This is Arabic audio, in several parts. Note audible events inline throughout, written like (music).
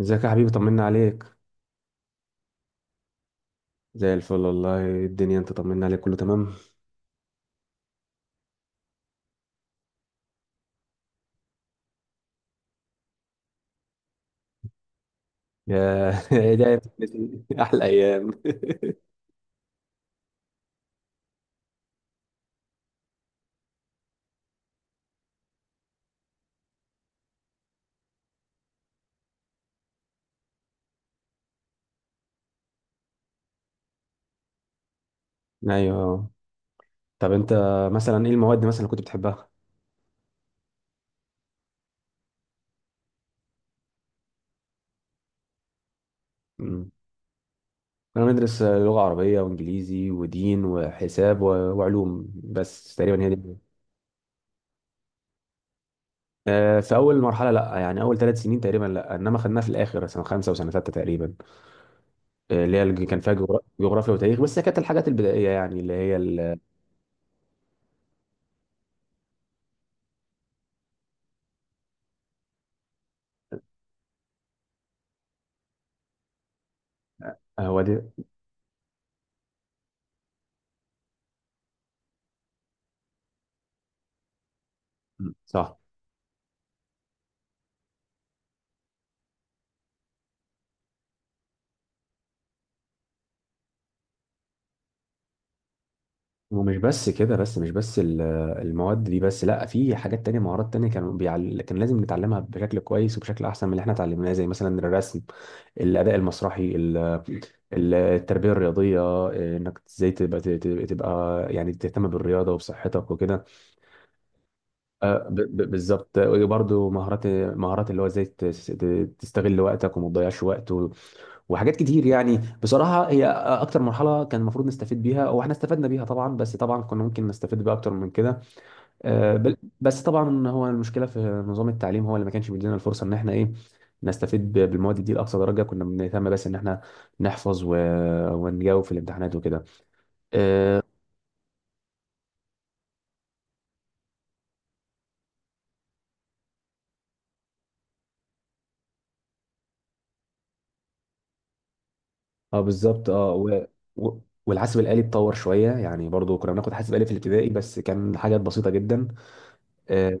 ازيك يا حبيبي، طمنا عليك. زي الفل والله. الدنيا، انت طمنا عليك، كله تمام. (laughs) ايه ده يا ابني؟ (laughs) احلى ايام. ايوه، طب انت مثلا ايه المواد مثلا اللي كنت بتحبها؟ مم. انا بدرس لغه عربيه وانجليزي ودين وحساب وعلوم، بس تقريبا هي دي. في اول مرحله لا، يعني اول 3 سنين تقريبا لا، انما خدناها في الاخر سنه 5 وسنه 6 تقريبا. كان فيها جغرافيا وتاريخ، بس هي كانت الحاجات البدائيه، يعني. هو دي. مم. صح. ومش بس كده، بس مش بس المواد دي بس، لا في حاجات تانية، مهارات تانية كانوا كان لازم نتعلمها بشكل كويس وبشكل احسن من اللي احنا اتعلمناه، زي مثلا الرسم، الاداء المسرحي التربية الرياضية، انك ازاي تبقى يعني تهتم بالرياضة وبصحتك وكده. بالظبط، برضه مهارات، مهارات اللي هو ازاي تستغل وقتك وما تضيعش وقت وحاجات كتير، يعني بصراحة هي اكتر مرحلة كان المفروض نستفيد بيها، واحنا استفدنا بيها طبعا، بس طبعا كنا ممكن نستفيد بيها اكتر من كده. بس طبعا هو المشكله في نظام التعليم، هو اللي ما كانش بيدينا الفرصه ان احنا ايه، نستفيد بالمواد دي لاقصى درجه، كنا بنهتم بس ان احنا نحفظ ونجاوب في الامتحانات وكده. اه. بالظبط. اه. و... والحاسب الآلي اتطور شويه، يعني برضو كنا بناخد حاسب آلي في الابتدائي، بس كان حاجات بسيطه جدا. آه،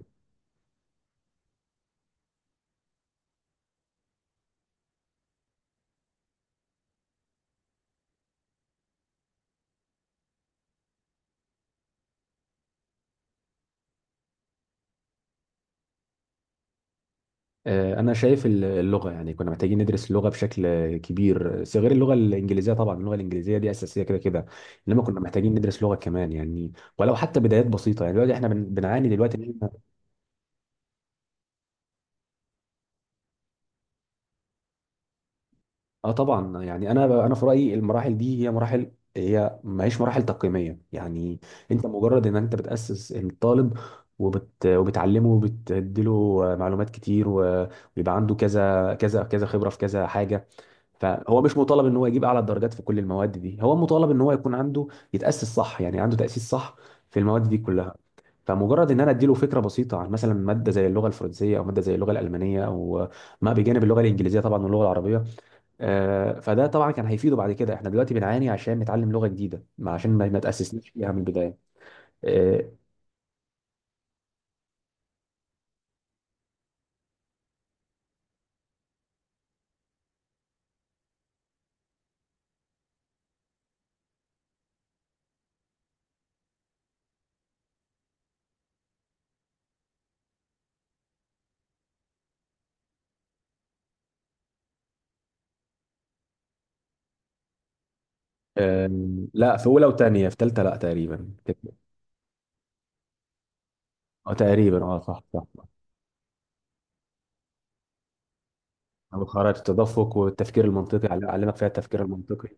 انا شايف اللغه، يعني كنا محتاجين ندرس اللغه بشكل كبير. غير اللغه الانجليزيه طبعا، اللغه الانجليزيه دي اساسيه كده كده، انما كنا محتاجين ندرس لغه كمان يعني، ولو حتى بدايات بسيطه. يعني دلوقتي احنا بنعاني دلوقتي. اه طبعا، يعني انا في رايي المراحل دي هي مراحل، هي ما هيش مراحل تقييميه يعني. انت مجرد ان انت بتاسس الطالب، وبتعلمه، وبتديله معلومات كتير ويبقى عنده كذا كذا كذا خبره في كذا حاجه. فهو مش مطالب ان هو يجيب اعلى الدرجات في كل المواد دي، هو مطالب ان هو يكون عنده، يتاسس صح، يعني عنده تاسيس صح في المواد دي كلها. فمجرد ان انا اديله فكره بسيطه عن مثلا ماده زي اللغه الفرنسيه او ماده زي اللغه الالمانيه، او ما بجانب اللغه الانجليزيه طبعا واللغه العربيه. فده طبعا كان هيفيده. بعد كده احنا دلوقتي بنعاني عشان نتعلم لغه جديده، عشان ما تاسسناش فيها من البدايه. آه، آه، لا، في اولى وثانيه، في ثالثه لا تقريبا كده. اه، تقريبا اه، صح صح. او خرائط التدفق والتفكير المنطقي، علمك فيها التفكير المنطقي.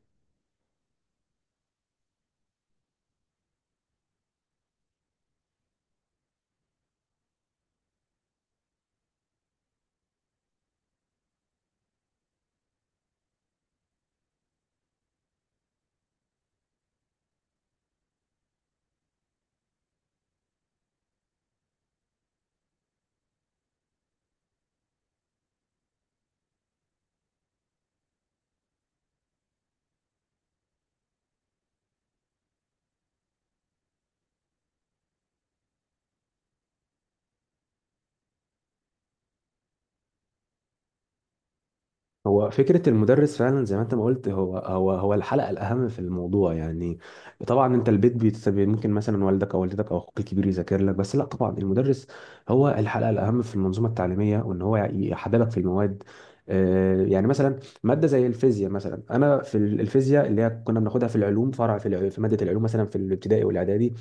هو فكرة المدرس فعلا زي ما انت ما قلت، هو الحلقة الأهم في الموضوع يعني. طبعا انت البيت بيتسبب، ممكن مثلا والدك او والدتك او اخوك الكبير يذاكر لك، بس لا طبعا المدرس هو الحلقة الأهم في المنظومة التعليمية، وان هو يحببك في المواد. يعني مثلا مادة زي الفيزياء مثلا، انا في الفيزياء اللي هي كنا بناخدها في العلوم، فرع في في مادة العلوم مثلا في الابتدائي والاعدادي،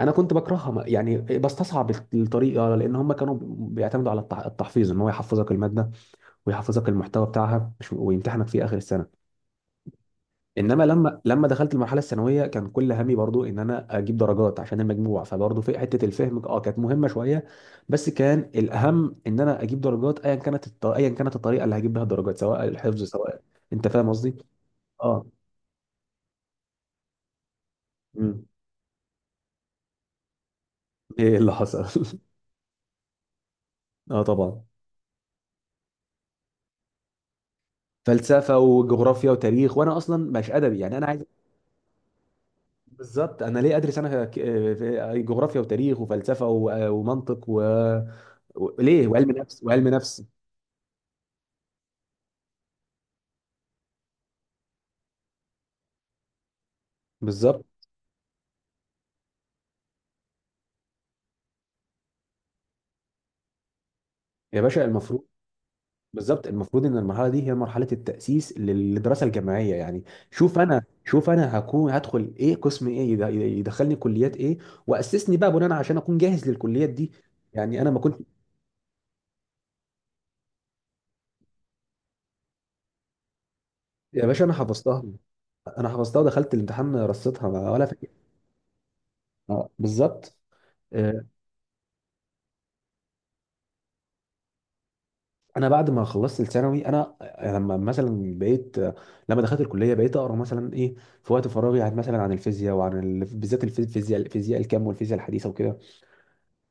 انا كنت بكرهها، يعني بستصعب الطريقة، لان هم كانوا بيعتمدوا على التحفيظ، ان هو يحفظك المادة، ويحفظك المحتوى بتاعها، ويمتحنك فيه اخر السنه. انما لما دخلت المرحله الثانويه، كان كل همي برضو ان انا اجيب درجات عشان المجموع، فبرضو في حته الفهم اه كانت مهمه شويه، بس كان الاهم ان انا اجيب درجات ايا كانت الطريقه اللي هجيب بها الدرجات، سواء الحفظ، سواء، انت فاهم قصدي. اه. مم. ايه اللي حصل؟ (laughs) اه طبعا. فلسفه وجغرافيا وتاريخ، وانا اصلا مش ادبي، يعني انا عايز، بالظبط. انا ليه ادرس انا في جغرافيا وتاريخ وفلسفه ومنطق ليه وعلم نفس. بالظبط يا باشا، المفروض، بالظبط. المفروض ان المرحله دي هي مرحله التاسيس للدراسه الجامعيه يعني. شوف انا هدخل ايه قسم ايه، يدخلني كليات ايه، واسسني بقى بناء عشان اكون جاهز للكليات دي. يعني انا ما كنت. يا باشا انا حفظتها. انا حفظتها، ودخلت الامتحان رصيتها، ولا فاكر. بالظبط. آه، انا بعد ما خلصت الثانوي انا، لما مثلا بقيت لما دخلت الكليه، بقيت اقرا مثلا ايه في وقت فراغي، عن مثلا الفيزياء بالذات الفيزياء الكم، والفيزياء الحديثه وكده.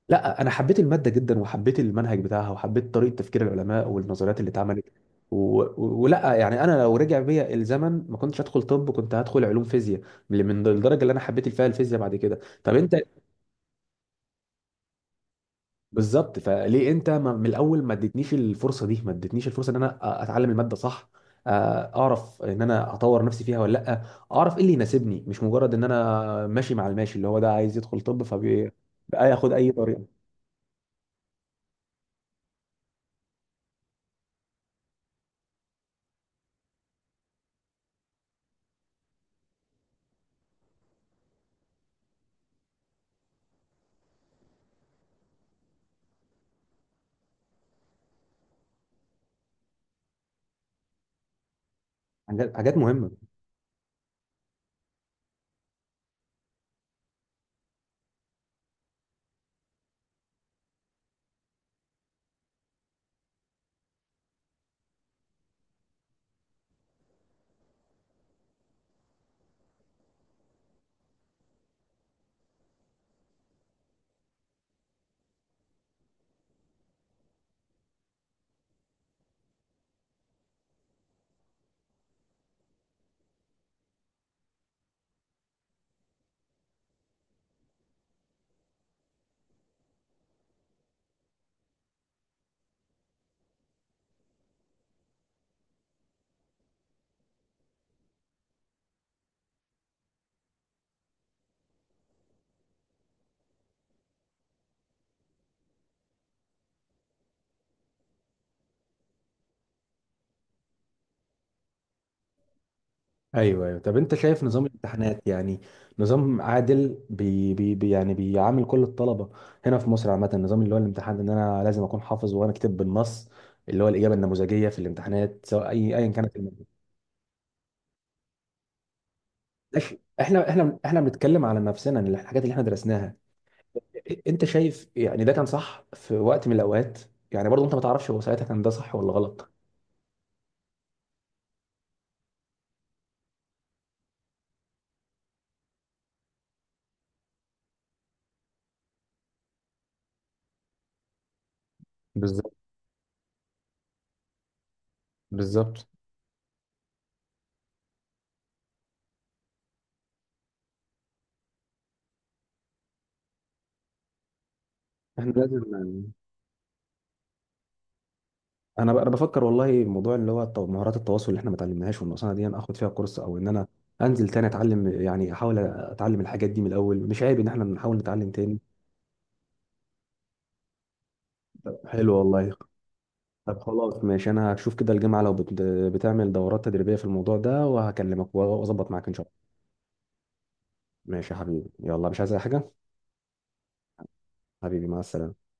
لا انا حبيت الماده جدا، وحبيت المنهج بتاعها، وحبيت طريقه تفكير العلماء والنظريات اللي اتعملت و... و- ولا، يعني انا لو رجع بيا الزمن ما كنتش هدخل طب، كنت هدخل علوم فيزياء، من الدرجه اللي انا حبيت فيها الفيزياء بعد كده. طب انت، بالظبط. فليه انت من الاول ما اديتنيش الفرصه ان انا اتعلم الماده صح، اعرف ان انا اطور نفسي فيها ولا لا، اعرف ايه اللي يناسبني، مش مجرد ان انا ماشي مع الماشي، اللي هو ده عايز يدخل طب فبقى ياخد اي طريقه. حاجات حاجات مهمه. ايوه ايوه، طب انت شايف نظام الامتحانات يعني نظام عادل، يعني بيعامل كل الطلبه هنا في مصر عامه، النظام اللي هو الامتحان، ان انا لازم اكون حافظ، وانا كاتب بالنص اللي هو الاجابه النموذجيه في الامتحانات، سواء ايا كانت. إح- احنا بنتكلم على نفسنا، إن الحاجات اللي احنا درسناها، انت شايف يعني ده كان صح في وقت من الاوقات، يعني برضه انت ما تعرفش هو ساعتها كان ده صح ولا غلط. بالظبط، بالظبط. احنا لازم، يعني انا بفكر والله، موضوع اللي هو مهارات التواصل اللي احنا ما اتعلمناهاش والنقصانه دي، انا اخد فيها كورس، او ان انا انزل تاني اتعلم. يعني احاول اتعلم الحاجات دي من الاول، مش عيب ان احنا نحاول نتعلم تاني. حلو والله. طب خلاص ماشي، انا هشوف كده الجامعه لو بتعمل دورات تدريبيه في الموضوع ده، وهكلمك واظبط معاك ان شاء الله. ماشي يا حبيبي، يلا مش عايز اي حاجه. حبيبي مع السلامه.